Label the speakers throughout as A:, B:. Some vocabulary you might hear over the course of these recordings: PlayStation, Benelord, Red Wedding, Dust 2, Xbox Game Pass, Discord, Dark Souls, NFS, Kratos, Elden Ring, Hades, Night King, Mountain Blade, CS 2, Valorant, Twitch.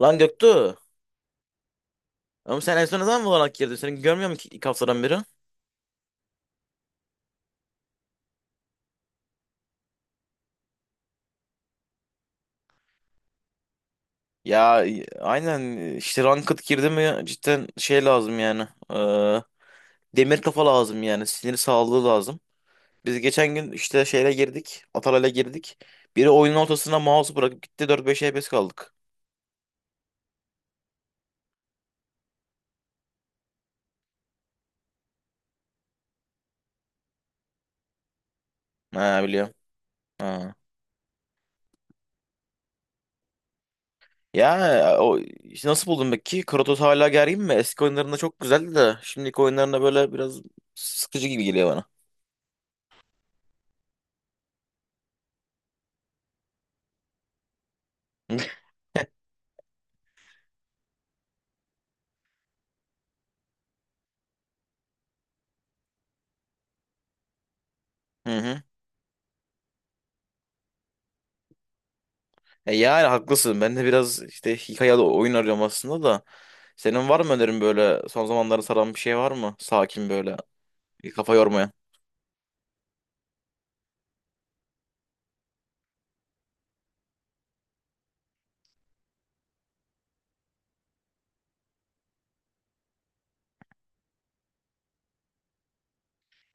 A: Lan Göktuğ. Ama sen en son ne zaman Valorant girdin? Seni görmüyor mu ki ilk haftadan beri? Ya aynen, işte ranked girdi mi cidden şey lazım yani. Demir kafa lazım yani. Sinir sağlığı lazım. Biz geçen gün işte şeyle girdik. Atalay'la girdik. Biri oyunun ortasına mouse'u bırakıp gitti, 4-5 FPS kaldık. Ha, biliyorum. Ha. Ya, o işte nasıl buldun peki? Kratos hala gergin mi? Eski oyunlarında çok güzeldi de şimdiki oyunlarında böyle biraz sıkıcı gibi geliyor bana. Hı hı. E yani haklısın. Ben de biraz işte hikaye oyun arıyorum aslında da. Senin var mı önerin böyle son zamanlarda saran bir şey var mı? Sakin böyle bir kafa yormayan.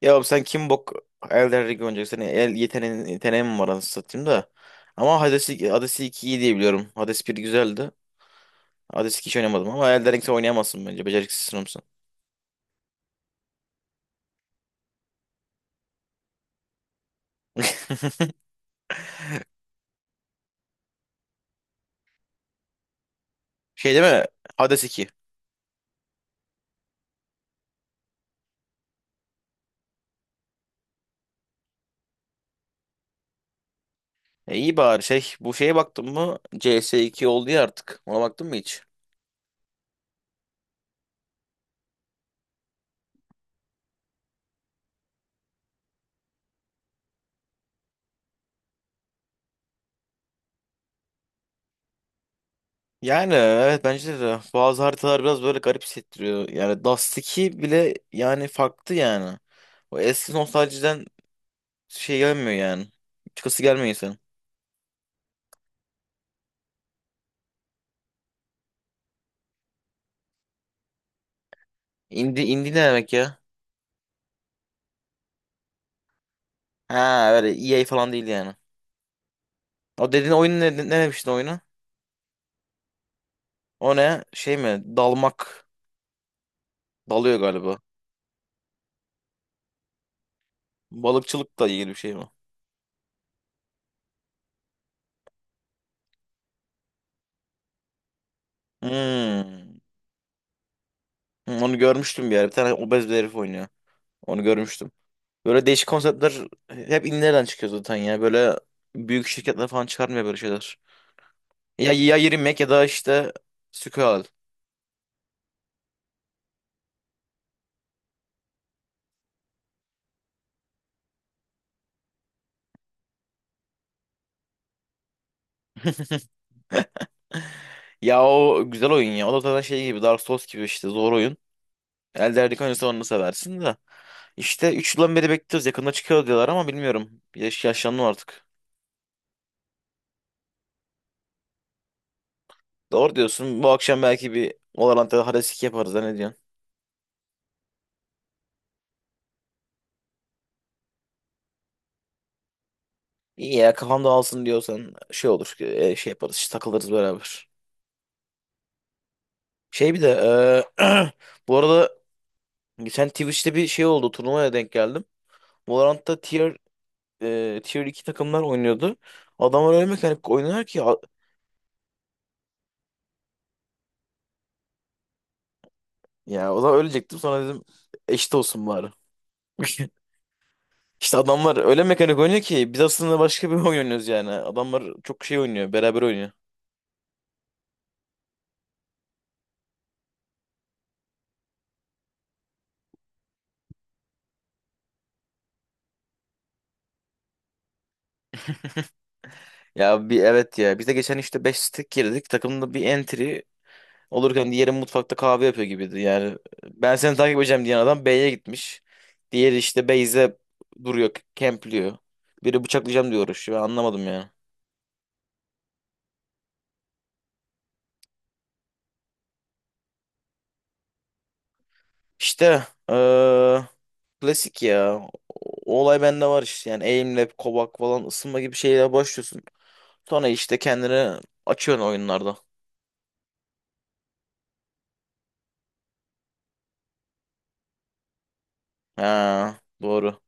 A: Ya oğlum, sen kim bok Elden Ring oynayacaksın? Senin el yeteneğin mi var anasını satayım da. Ama Hades 2 iyi diye biliyorum. Hades 1 güzeldi. Hades 2 hiç oynamadım ama Elden Ring sen oynayamazsın bence. Beceriksiz sınıfsın. Şey değil mi? Hades 2. E iyi bari şey, bu şeye baktın mı? CS iki oldu ya artık. Ona baktın mı hiç? Yani evet, bence de bazı haritalar biraz böyle garip hissettiriyor. Yani Dust 2 bile yani farklı yani. O eski nostaljiden şey gelmiyor yani. Çıkası gelmiyor insanın. Indie ne demek ya? Ha, öyle EA falan değil yani. O dediğin oyun ne demiştin oyunu? O ne? Şey mi? Dalmak. Dalıyor galiba. Balıkçılıkla ilgili bir şey mi? Hmm. Hı, onu görmüştüm bir yer. Bir tane obez bir herif oynuyor. Onu görmüştüm. Böyle değişik konseptler hep indilerden çıkıyor zaten ya. Böyle büyük şirketler falan çıkarmıyor böyle şeyler. Ya, ya Yeri Mac ya da işte Skull. Ya o güzel oyun ya. O da zaten şey gibi Dark Souls gibi işte zor oyun. Elde Ring oynuyorsan onu seversin de. İşte 3 yıldan beri bekliyoruz. Yakında çıkıyor diyorlar ama bilmiyorum. Yaşlandım artık. Doğru diyorsun. Bu akşam belki bir Valorant'ta Hades 2 yaparız. Ha, Ne diyorsun? İyi ya, kafam dağılsın diyorsan şey olur. Şey yaparız, işte takılırız beraber. Şey bir de e, bu arada geçen Twitch'te bir şey oldu. Turnuvaya denk geldim. Valorant'ta tier 2 takımlar oynuyordu. Adamlar öyle mekanik oynuyor ki ya o zaman ölecektim. Sonra dedim eşit olsun bari. İşte adamlar öyle mekanik oynuyor ki biz aslında başka bir oyun oynuyoruz yani. Adamlar çok şey oynuyor, beraber oynuyor. Ya bir evet ya. Biz de geçen işte 5 stack girdik. Takımda bir entry olurken diğeri mutfakta kahve yapıyor gibiydi. Yani ben seni takip edeceğim diyen adam B'ye gitmiş. Diğeri işte Beyze duruyor, kempliyor. Biri bıçaklayacağım diyor uğraşıyor. Ben anlamadım yani. İşte eee, klasik ya. O olay bende var işte. Yani aimlab, kovak falan ısınma gibi şeyler başlıyorsun. Sonra işte kendini açıyorsun oyunlarda. Ha, doğru.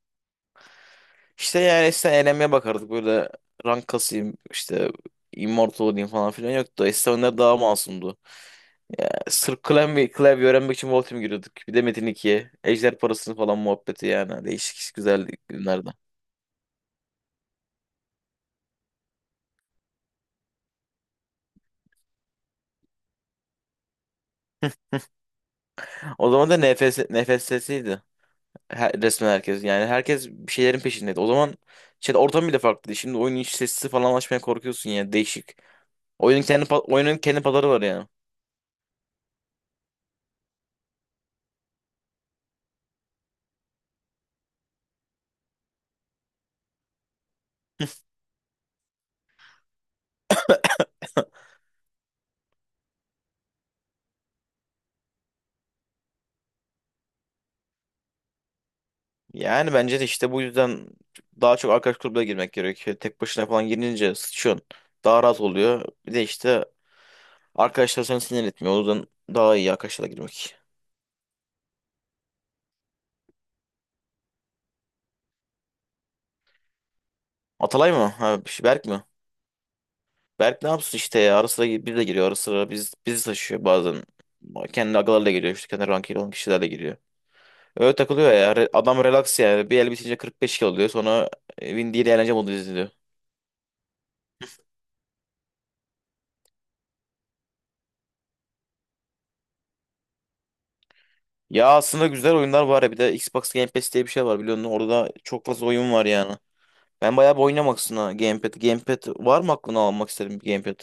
A: İşte yani eskiden eğlenmeye bakardık. Böyle rank kasayım, işte immortal olayım falan filan yoktu. Eskiden oyunlar daha masumdu. Ya, sırf klavye öğrenmek için Voltim giriyorduk. Bir de Metin 2'ye. Ejder parasını falan muhabbeti yani. Değişik güzel günlerden. O zaman da NFS'siydi. Resmen herkes. Yani herkes bir şeylerin peşindeydi. O zaman şey, ortam bile farklıydı. Şimdi oyunun iç sesi falan açmaya korkuyorsun yani. Değişik. Oyunun kendi pazarı var yani. Yani bence de işte bu yüzden daha çok arkadaş grubuna girmek gerekiyor. Tek başına falan girince sıçıyorsun. Daha rahat oluyor. Bir de işte arkadaşlar seni sinir etmiyor. O yüzden daha iyi arkadaşlarla girmek. Atalay mı? Ha, Berk mi? Berk ne yapsın işte ya. Ara sıra bir de giriyor. Ara sıra bizi taşıyor bazen. Kendi agalarla giriyor. İşte kendi rankıyla olan kişilerle giriyor. Öyle takılıyor ya. Adam relax yani. Bir el bitince 45 kilo oluyor. Sonra Win değil eğlence modu izliyor. Ya aslında güzel oyunlar var ya. Bir de Xbox Game Pass diye bir şey var biliyorsun. Orada çok fazla oyun var yani. Ben bayağı bir oynamak istiyorum, ha, Gamepad. Gamepad var mı, aklına almak isterim bir Gamepad?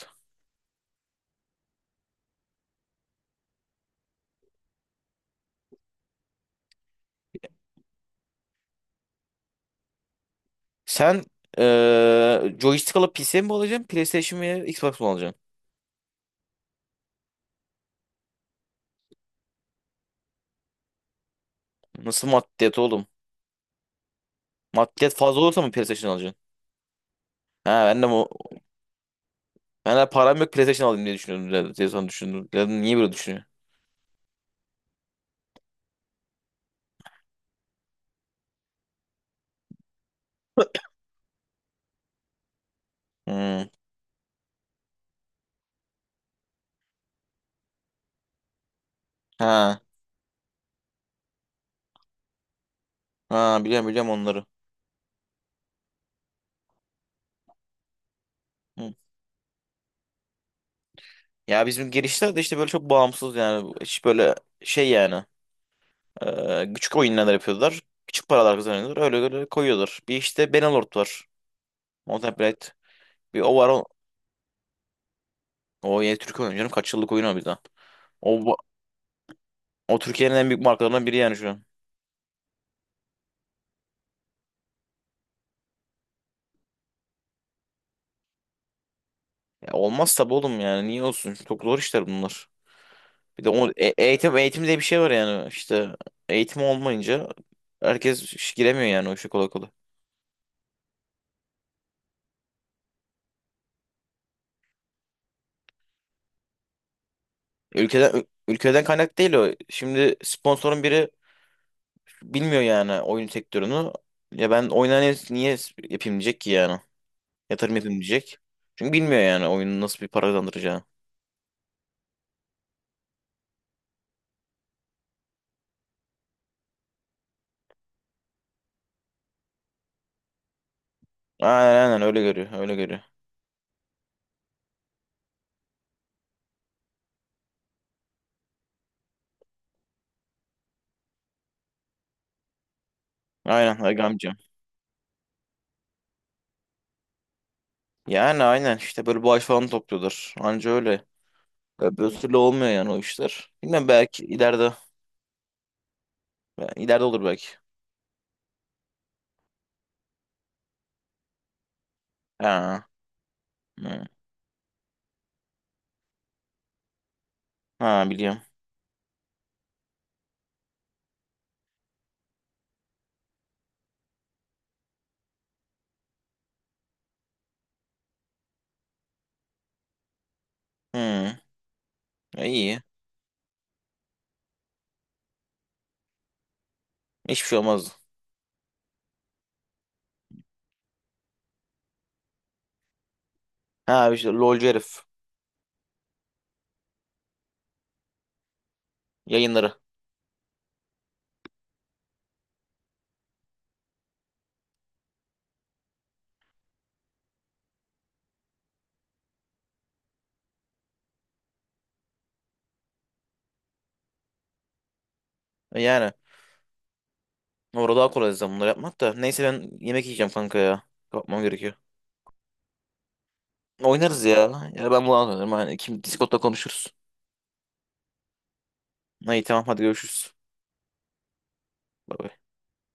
A: Sen joystick alıp PC mi alacaksın? PlayStation veya Xbox mı alacaksın? Nasıl maddiyat oğlum? Maddiyat fazla olursa mı PlayStation alacaksın? Ha, ben de param yok, PlayStation alayım diye düşünüyordum zaten. Telefon düşündüm. Dedim, niye böyle düşünüyor? Hmm. Ha. Ha, biliyorum onları. Hı. Ya bizim girişler de işte böyle çok bağımsız yani. Hiç böyle şey yani. Küçük oyunlar yapıyorlar. Küçük paralar kazanıyorlar. Öyle öyle koyuyorlar. Bir işte Benelord var. Mountain Blade. Bir o var. O yeni Türk oyunu canım. Kaç yıllık oyun o bir daha. O, bu- o Türkiye'nin en büyük markalarından biri yani şu an. Ya olmaz tabii oğlum yani. Niye olsun? Çok zor işler bunlar. Bir de eğitim eğitim diye bir şey var yani, işte eğitim olmayınca herkes iş giremiyor yani o işe kolay kolay. Ülkeden kaynak değil o. Şimdi sponsorun biri bilmiyor yani oyun sektörünü. Ya ben oyuna niye yapayım diyecek ki yani. Yatırım yapayım diyecek. Çünkü bilmiyor yani oyunun nasıl bir para kazandıracağını. Aynen aynen, öyle görüyor öyle görüyor. Aynen Hakkı amca. Yani aynen işte böyle bağış falan topluyorlar. Anca öyle. Öbür türlü olmuyor yani o işler. Bilmem belki ileride. Yani. İleride olur belki. Ha. Hı. Ha, biliyorum. Hı. E, iyi. Hiçbir şey olmazdı. Ha işte LOLcu herif. Yayınları. E, yani. Orada daha kolay zaten bunları yapmak da. Neyse ben yemek yiyeceğim kanka ya. Kapmam gerekiyor. Oynarız ya. Ya ben bunu anlarım. Hani kim Discord'da konuşuruz. İyi, tamam, hadi görüşürüz. Bay bay.